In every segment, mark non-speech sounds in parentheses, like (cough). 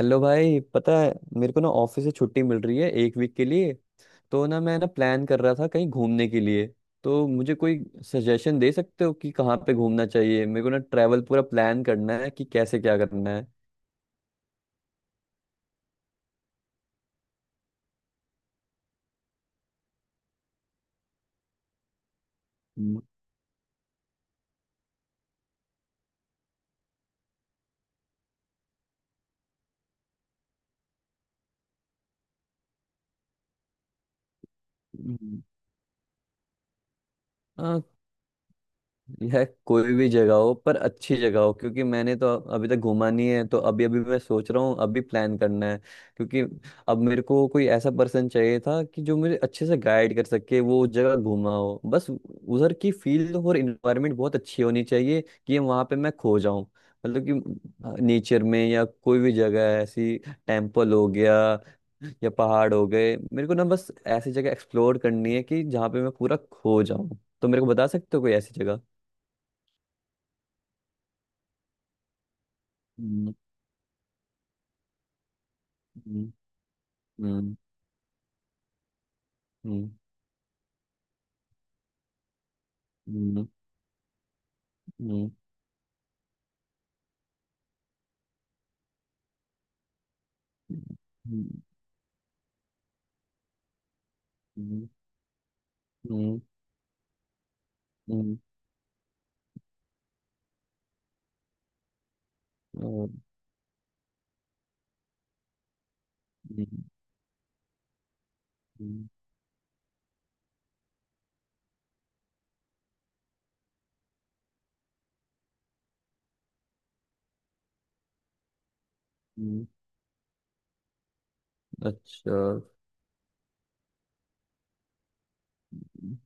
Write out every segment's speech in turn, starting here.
Hello भाई, पता है मेरे को ना ऑफिस से छुट्टी मिल रही है 1 वीक के लिए। तो ना मैं ना प्लान कर रहा था कहीं घूमने के लिए। तो मुझे कोई सजेशन दे सकते हो कि कहाँ पे घूमना चाहिए। मेरे को ना ट्रैवल पूरा प्लान करना है कि कैसे क्या करना है। हम्म। हम्म। यह कोई भी जगह हो, पर अच्छी जगह हो, क्योंकि मैंने तो अभी तक घूमा नहीं है। तो अभी अभी मैं सोच रहा हूँ, अभी प्लान करना है। क्योंकि अब मेरे को कोई ऐसा पर्सन चाहिए था कि जो मुझे अच्छे से गाइड कर सके, वो जगह घूमा हो। बस उधर की फील्ड और इन्वायरमेंट बहुत अच्छी होनी चाहिए कि वहां पे मैं खो जाऊं। मतलब कि नेचर में या कोई भी जगह है, ऐसी। टेम्पल हो गया या पहाड़ हो गए, मेरे को ना बस ऐसी जगह एक्सप्लोर करनी है कि जहाँ पे मैं पूरा खो जाऊं। तो मेरे को बता सकते हो कोई ऐसी जगह? हम्म। हम्म। हम्म। हम्म। हम्म। हम्म। हम्म। हम्म। हम्म। हम्म। और। हम्म। हम्म। हम्म। अच्छा।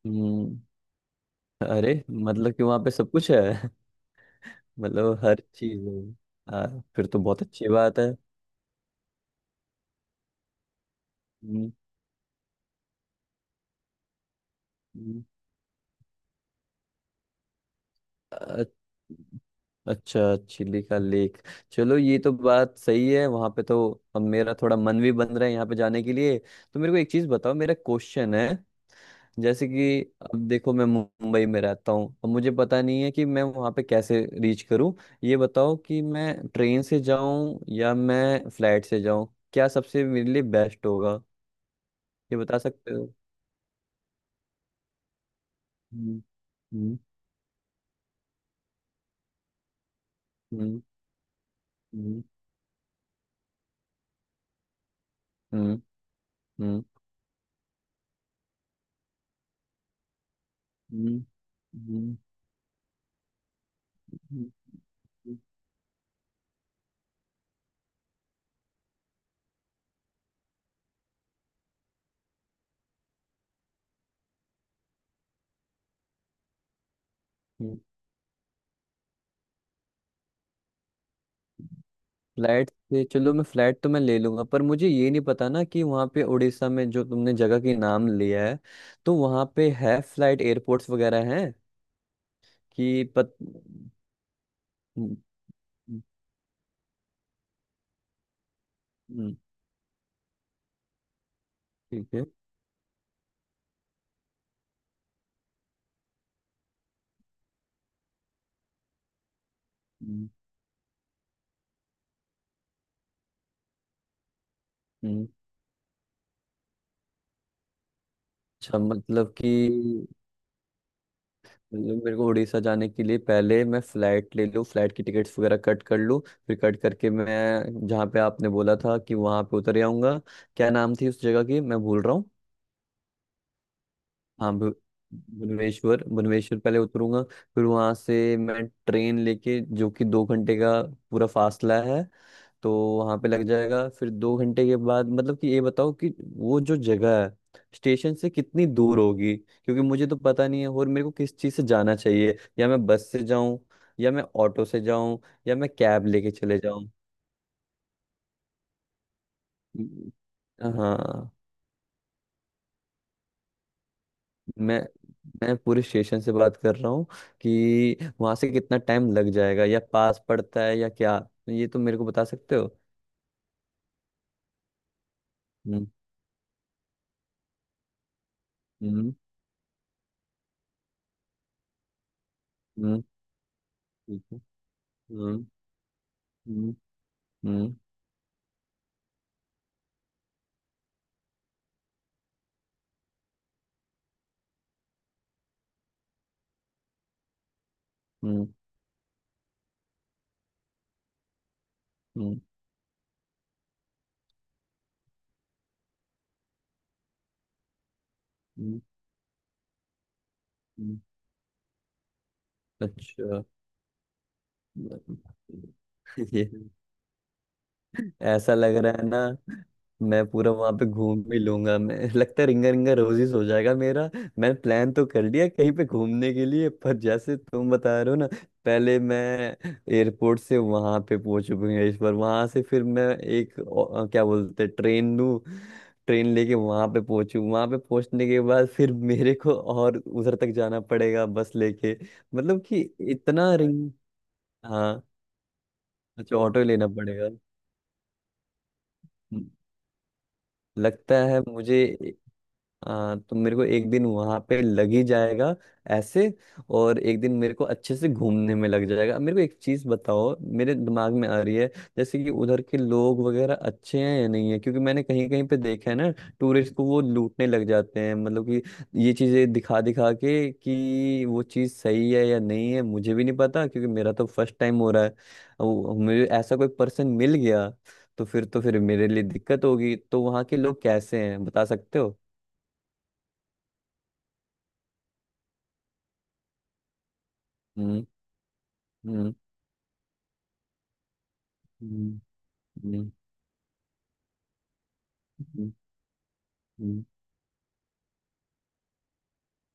हम्म। अरे, मतलब कि वहाँ पे सब कुछ है। (laughs) मतलब हर चीज है। हाँ, फिर तो बहुत अच्छी बात है। हम्म। हम्म। अ- अच्छा, चिली का लेक। चलो, ये तो बात सही है, वहाँ पे तो अब मेरा थोड़ा मन भी बन रहा है यहाँ पे जाने के लिए। तो मेरे को एक चीज़ बताओ, मेरा क्वेश्चन है। जैसे कि अब देखो, मैं मुंबई में रहता हूँ, अब मुझे पता नहीं है कि मैं वहाँ पे कैसे रीच करूँ। ये बताओ कि मैं ट्रेन से जाऊँ या मैं फ्लाइट से जाऊँ, क्या सबसे मेरे लिए बेस्ट होगा? ये बता सकते हो? हम्म। हम्म। हम्म। हम्म। हम्म। हम्म। हम्म। हम्म। हम्म। हम्म। फ्लाइट से चलो, मैं फ्लाइट तो मैं ले लूंगा, पर मुझे ये नहीं पता ना कि वहाँ पे उड़ीसा में जो तुमने जगह की नाम लिया है, तो वहाँ पे है फ्लाइट एयरपोर्ट्स वगैरह हैं कि पत। हम्म। हम्म। ठीक है। हम्म। हम्म। अच्छा, मतलब कि मतलब मेरे को उड़ीसा जाने के लिए पहले मैं फ्लाइट ले लूँ, फ्लाइट की टिकट्स वगैरह कट कर लूँ, फिर कट करके मैं जहाँ पे आपने बोला था कि वहाँ पे उतर आऊँगा। क्या नाम थी उस जगह की, मैं भूल रहा हूँ। हाँ, भुवनेश्वर भुवनेश्वर पहले उतरूंगा, फिर वहाँ से मैं ट्रेन लेके जो कि 2 घंटे का पूरा फासला है। तो वहां पे लग जाएगा। फिर 2 घंटे के बाद मतलब कि ये बताओ कि वो जो जगह है स्टेशन से कितनी दूर होगी, क्योंकि मुझे तो पता नहीं है। और मेरे को किस चीज़ से जाना चाहिए, या मैं बस से जाऊं या मैं ऑटो से जाऊं या मैं कैब लेके चले जाऊं? हम्म। हाँ। मैं मैं पूरे स्टेशन से बात कर रहा हूँ कि वहां से कितना टाइम लग जाएगा, या पास पड़ता है या क्या, ये तो मेरे को बता सकते हो? हम्म। हम्म। हम्म। ठीक है। हम्म। हम्म। हम्म। हम्म। हम्म। हम्म। हम्म। अच्छा। (laughs) ये ऐसा लग रहा है ना, मैं पूरा वहां पे घूम भी लूंगा, मैं लगता है रिंगा रिंगा रोजिस हो जाएगा मेरा। मैंने प्लान तो कर लिया कहीं पे घूमने के लिए, पर जैसे तुम बता रहे हो ना, पहले मैं एयरपोर्ट से वहां पे पहुंच, भुवनेश्वर। वहां से फिर मैं एक क्या बोलते हैं, ट्रेन लूँ। ट्रेन लेके वहां पे पहुंचू, वहां पे पहुंचने के बाद फिर मेरे को और उधर तक जाना पड़ेगा बस लेके? मतलब कि इतना रिंग। हाँ, अच्छा, ऑटो लेना पड़ेगा। लगता है मुझे ए- हाँ, तो मेरे को एक दिन वहां पे लग ही जाएगा ऐसे, और एक दिन मेरे को अच्छे से घूमने में लग जाएगा। मेरे को एक चीज बताओ, मेरे दिमाग में आ रही है। जैसे कि उधर के लोग वगैरह अच्छे हैं या नहीं है, क्योंकि मैंने कहीं कहीं पे देखा है ना टूरिस्ट को वो लूटने लग जाते हैं। मतलब कि ये चीजें दिखा दिखा के, कि वो चीज सही है या नहीं है मुझे भी नहीं पता, क्योंकि मेरा तो फर्स्ट टाइम हो रहा है। मुझे ऐसा कोई पर्सन मिल गया तो फिर मेरे लिए दिक्कत होगी। तो वहाँ के लोग कैसे हैं, बता सकते हो? हम्म। हम्म। हम्म। हम्म। हम्म। हम्म।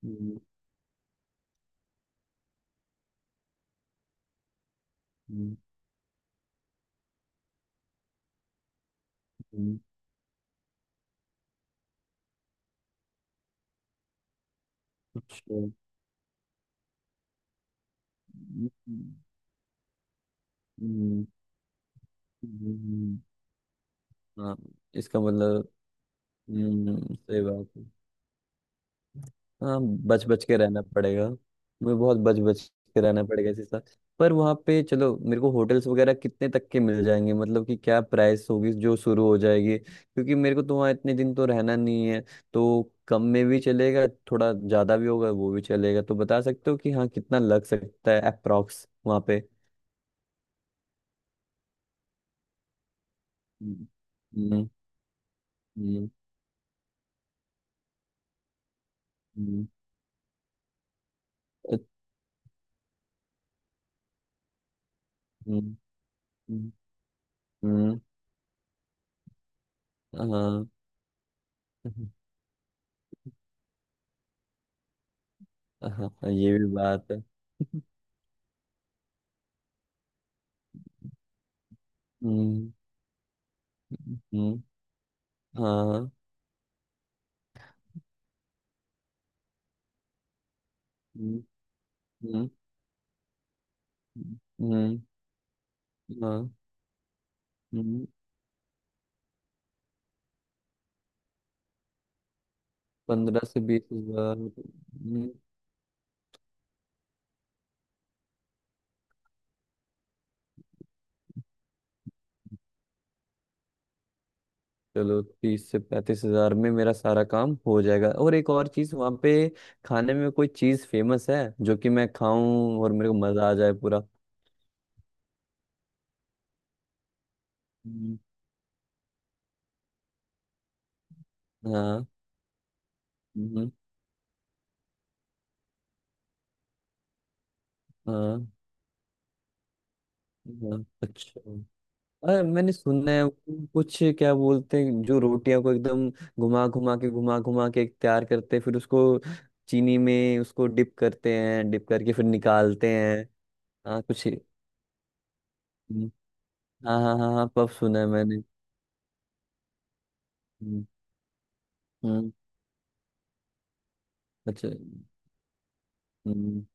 हम्म। हम्म। हम्म। अच्छा। हम्म। हम्म। हम्म। हाँ, इसका मतलब। सही बात है। हाँ, बच बच के रहना पड़ेगा मुझे, बहुत बच बच के रहना पड़ेगा इसी साथ। पर वहाँ पे चलो, मेरे को होटल्स वगैरह कितने तक के मिल जाएंगे, मतलब कि क्या प्राइस होगी जो शुरू हो जाएगी, क्योंकि मेरे को तो वहाँ इतने दिन तो रहना नहीं है, तो कम में भी चलेगा, थोड़ा ज़्यादा भी होगा वो भी चलेगा। तो बता सकते हो कि हाँ कितना लग सकता है अप्रॉक्स वहाँ पे? हम्म। हम्म। हम्म। हम्म। हम्म। हम्म। हम्म। हाँ। हाँ हाँ, ये भी बात है। हम्म। हम्म। हाँ। हम्म। हम्म। हम्म। हाँ। हम्म। 15 से 20 हजार। हम्म। चलो, 30 से 35 हजार में मेरा सारा काम हो जाएगा। और एक और चीज, वहाँ पे खाने में कोई चीज फेमस है जो कि मैं खाऊं और मेरे को मजा आ जाए पूरा? हम्म। हाँ। हम्म। हाँ। हाँ, अच्छा। अरे, मैंने सुना है वो, कुछ क्या बोलते हैं, जो रोटियां को एकदम घुमा घुमा के तैयार करते हैं, फिर उसको चीनी में उसको डिप करते हैं, डिप करके फिर निकालते हैं। हाँ, कुछ। हम्म। हाँ हाँ हाँ हाँ, पफ सुना है मैंने। हम्म। हम्म। अच्छा। हम्म।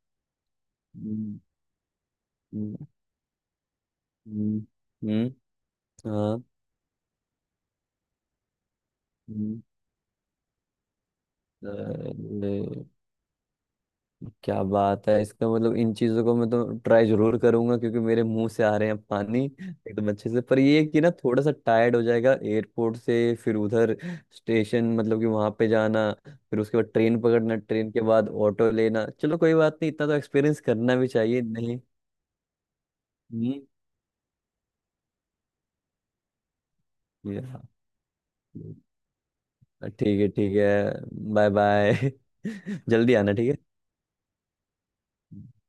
हम्म। हम्म। हम्म। हम्म। हाँ। हम्म। अरे, क्या बात है, इसका मतलब इन चीजों को मैं तो ट्राई जरूर करूंगा, क्योंकि मेरे मुंह से आ रहे हैं पानी एकदम अच्छे से। पर ये है कि ना, थोड़ा सा टायर्ड हो जाएगा, एयरपोर्ट से फिर उधर स्टेशन, मतलब कि वहां पे जाना, फिर उसके बाद ट्रेन पकड़ना, ट्रेन के बाद ऑटो लेना। चलो, कोई बात नहीं, इतना तो एक्सपीरियंस करना भी चाहिए नहीं? हम्म। या, ठीक है, ठीक है। Bye bye. (laughs) जल्दी आना, ठीक है।